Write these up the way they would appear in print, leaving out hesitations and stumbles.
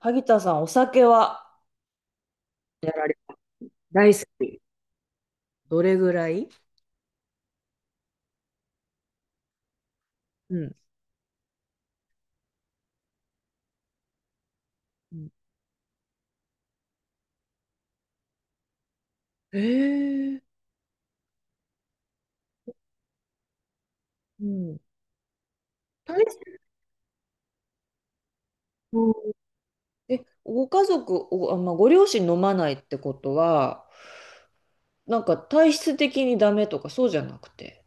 萩田さん、お酒は。やられた。大好き。どれぐらい。うん。うん、えー、うん。大好き。うん。え、ご家族、まあ、ご両親飲まないってことは、なんか体質的にダメとかそうじゃなくて。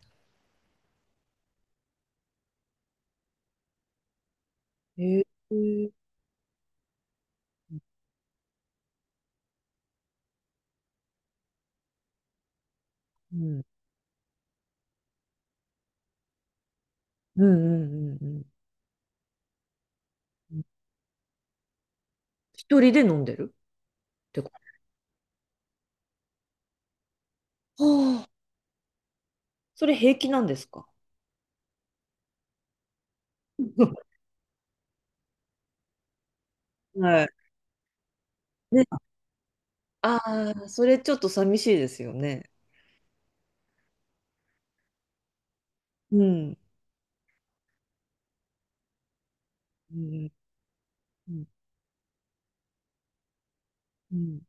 えー、うん。うん。うんうんうんうん。一人で飲んでるってことは、あ、それ平気なんですか？ はい。ね。ああー、それちょっと寂しいですよね。うん。うん。うん。うん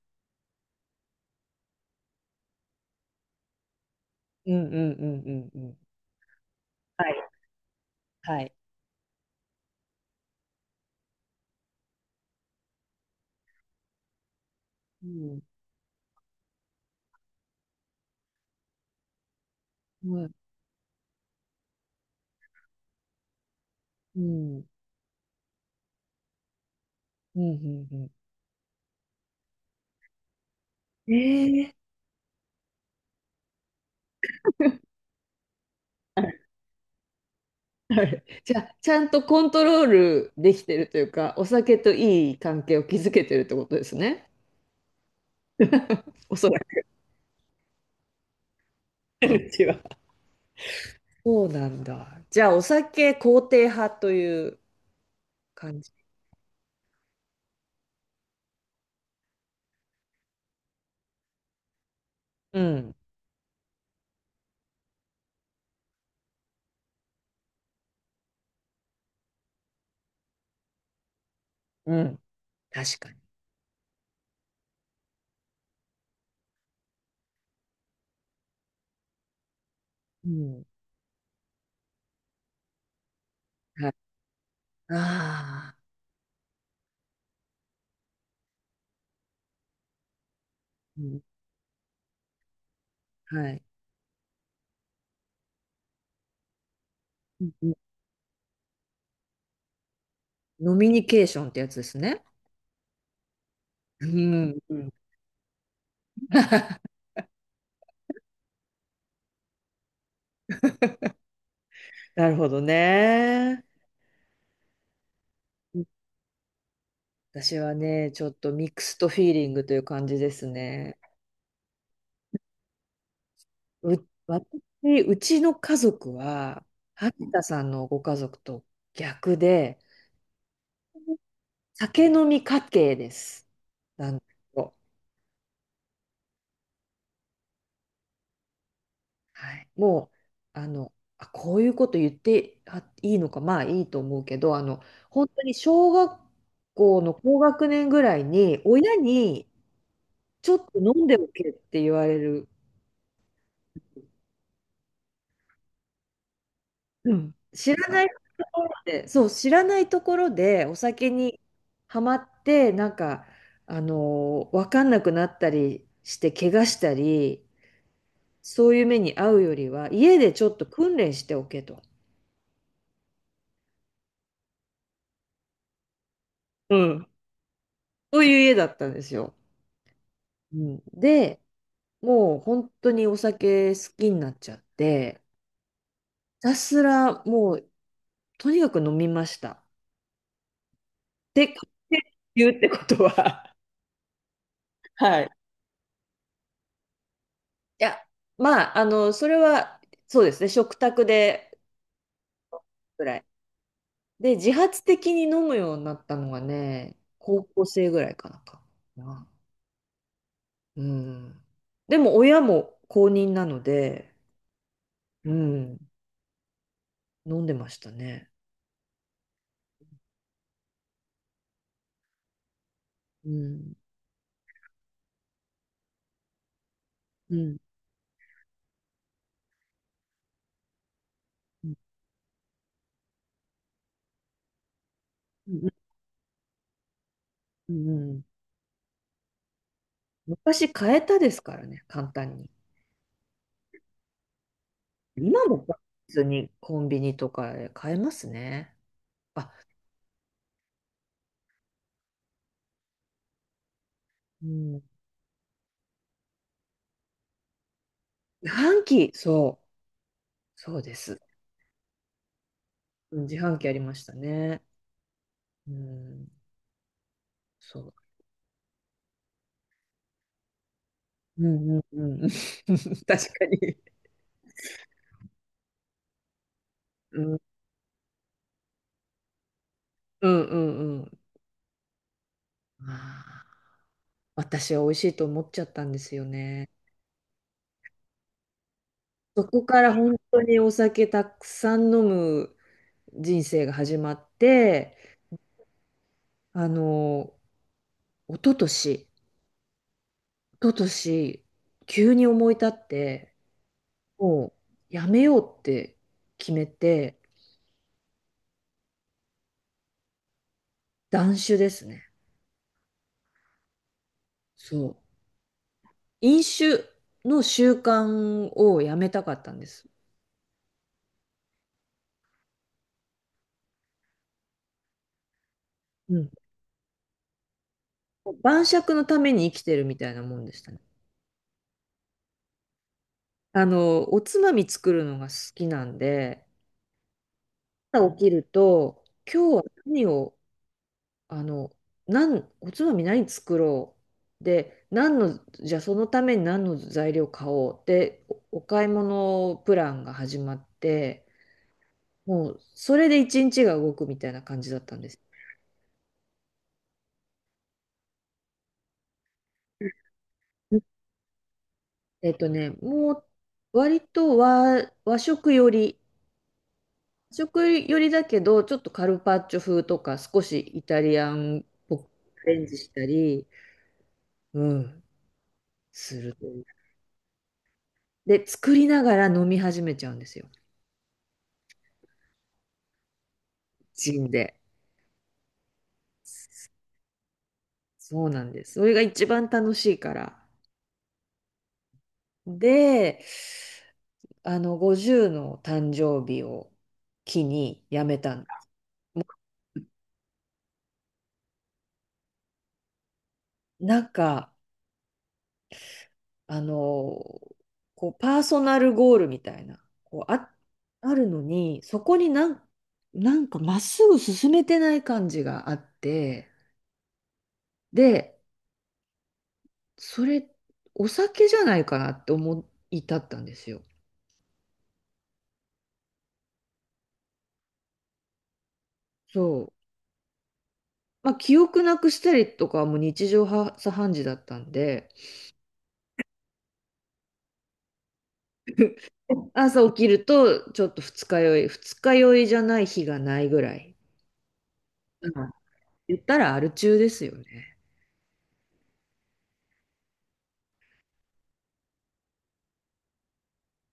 うんうんうんうんうん。はい。はい。うん。うん。うん。うんうんうん。ええ、はい。じゃあ、ちゃんとコントロールできてるというか、お酒といい関係を築けてるってことですね。おそらく。うちは。そうなんだ。じゃあ、お酒肯定派という感じ。うん。うん。確かに。うん。はい。ああ。うん。はい。うんうん。飲みニケーションってやつですね。うん。うん。 なるほどね。私はね、ちょっとミックストフィーリングという感じですね。う、私、うちの家族は、萩田さんのご家族と逆で、酒飲み家系です。なんと、はい、もう、こういうこと言ってあいいのか、まあいいと思うけど、本当に小学校の高学年ぐらいに、親にちょっと飲んでおけって言われる。うん。知らないところで、そう、知らないところでお酒にはまって、なんか、わかんなくなったりして、怪我したり、そういう目に遭うよりは、家でちょっと訓練しておけと。うん。そういう家だったんですよ。うん、で、もう本当にお酒好きになっちゃって、ひたすらもうとにかく飲みました。で、って言うってことは、はい。いや、まあ、それは、そうですね、食卓でぐらい。で、自発的に飲むようになったのがね、高校生ぐらいかなかな。うん。でも、親も公認なので、うん、飲んでましたね。うん。うん。うん。うんうんうん。昔買えたですからね、簡単に。今も普にコンビニとかで買えますね。あ、うん。自販機、そう、そうです。うん、自販機ありましたね。うん、そう。うんうんうん。確かに。うん、うんうんうん。まあー、私は美味しいと思っちゃったんですよね。そこから本当にお酒たくさん飲む人生が始まって、あの、一昨年、一昨年、急に思い立って、もうやめようって決めて、断酒ですね。そう。飲酒の習慣をやめたかったんです。うん。晩酌のために生きてるみたいなもんでしたね。おつまみ作るのが好きなんで、朝起きると、今日は何を、あの、おつまみ何作ろう。で、じゃあそのために何の材料買おう。で、おお買い物プランが始まって、もうそれで一日が動くみたいな感じだったんです。もう割と和食より、和食よりだけど、ちょっとカルパッチョ風とか、少しイタリアンっぽくアレンジしたり、うん、するという。で、作りながら飲み始めちゃうんですよ。ジンで。そうなんです。それが一番楽しいから。で、50の誕生日を機にやめたんだ。なんか、あの、こう、パーソナルゴールみたいな、こう、あるのに、そこになんかまっすぐ進めてない感じがあって、で、それ、お酒じゃないかなって思い至ったんですよ。そう。まあ、記憶なくしたりとかはもう日常茶飯事だったんで、朝起きると、ちょっと二日酔い、二日酔いじゃない日がないぐらい。うん、言ったらアル中ですよね。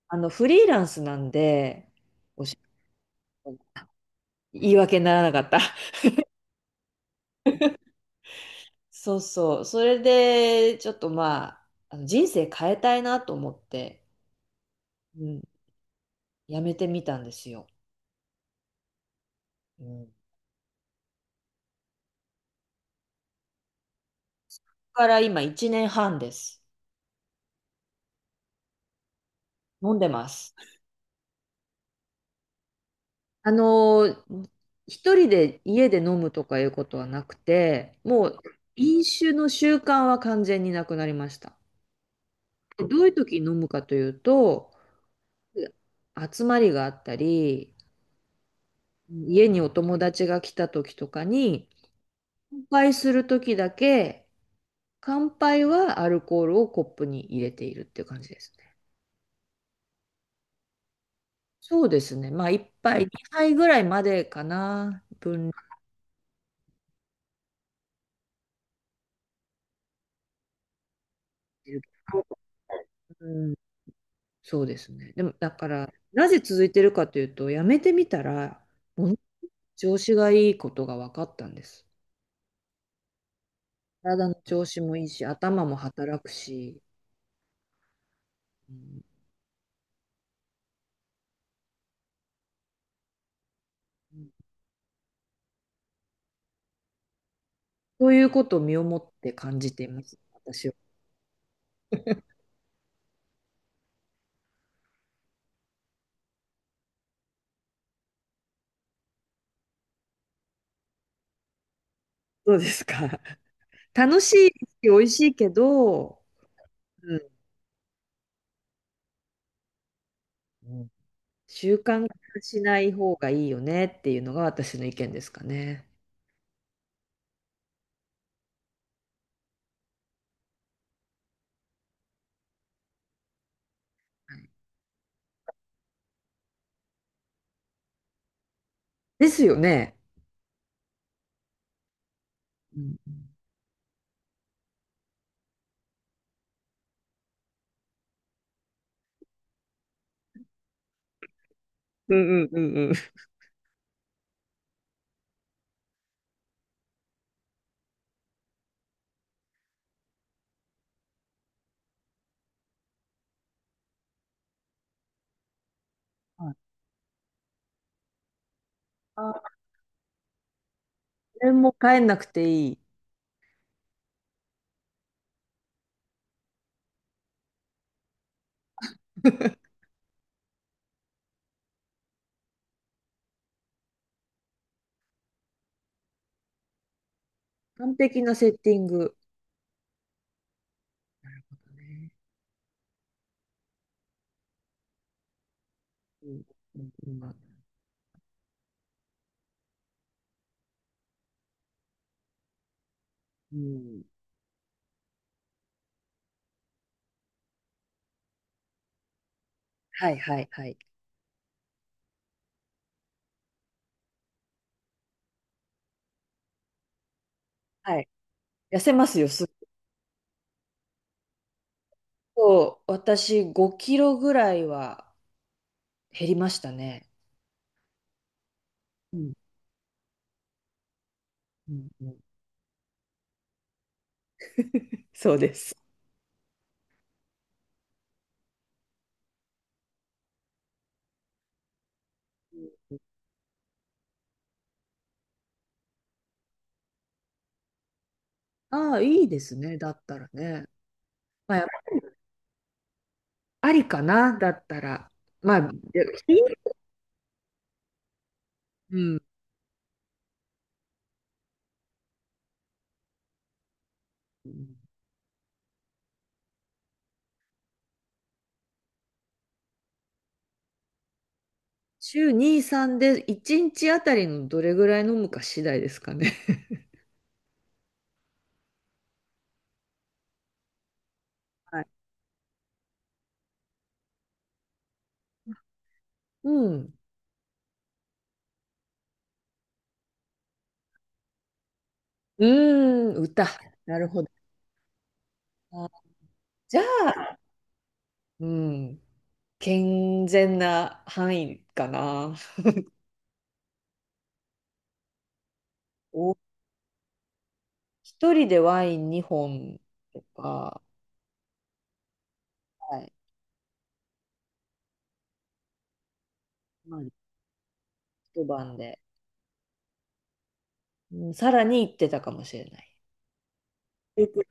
フリーランスなんで、お仕言い訳にならなかった。そうそう。それで、ちょっとまあ、人生変えたいなと思って、うん、やめてみたんですよ。うん。だから今1年半です。飲んでます。あのー一人で家で飲むとかいうことはなくて、もう飲酒の習慣は完全になくなりました。でどういう時に飲むかというと、集まりがあったり、家にお友達が来た時とかに、乾杯するときだけ、乾杯はアルコールをコップに入れているっていう感じですね。そうですね。まあ、1杯、2杯ぐらいまでかな。分量で言うと、うん、そうですね。でも、だから、なぜ続いてるかというと、やめてみたら、もの調子がいいことが分かったんです。体の調子もいいし、頭も働くし、うん、そういうことを身をもって感じています、私は。どうですか？ 楽しいし、美味しいけど、うんうん、習慣化しない方がいいよねっていうのが私の意見ですかね。はい、ですよね。うんうんうんうん、はい、あ、これも変えなくていい。完璧なセッティング。ね。うんうんうんうん、はいはいはい。はい。痩せますよ。すっと、私5キロぐらいは減りましたね。うんうんうん、そうです。ああ、いいですね。だったらね。まあありかな、だったら。まあ、で、うん。週2、3で1日あたりのどれぐらい飲むか次第ですかね。はい。うん。うーん、歌。なるほど。あ、じゃあ、うん、健全な範囲かな。お、一人でワイン2本とか、はい。まあ、一晩で、うん、さらに行ってたかもしれない。というこ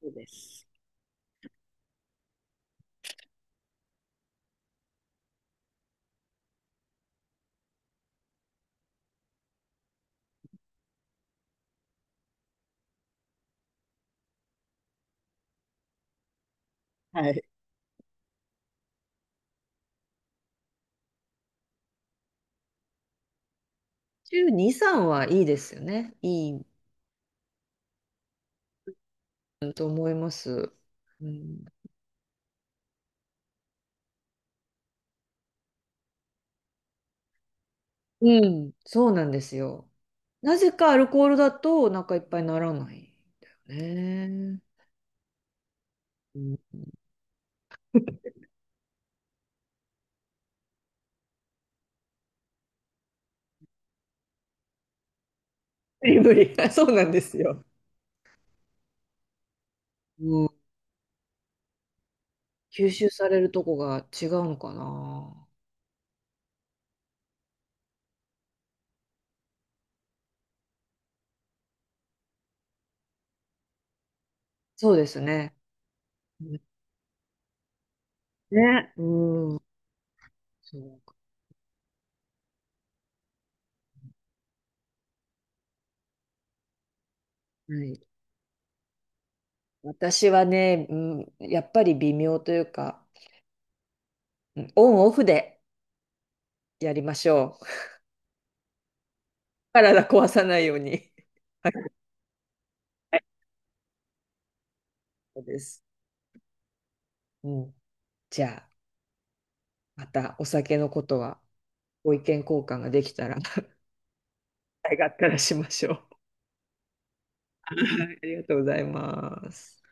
とです。はい。週2、3はいいですよね。いい、うんと思います。うん、うん、そうなんですよ。なぜかアルコールだとお腹いっぱいにならないんだよね。うん、無理無理。そうなんですよ。うん、吸収されるとこが違うのかな。そうですね。うん、ね、うん、そうか。はい。私はね、うん、やっぱり微妙というか、うんオンオフでやりましょう。体壊さないように。はい、そうです。うん、じゃあ。またお酒のことはご意見交換ができたら ありがったらしましょう。はい、ありがとうございます。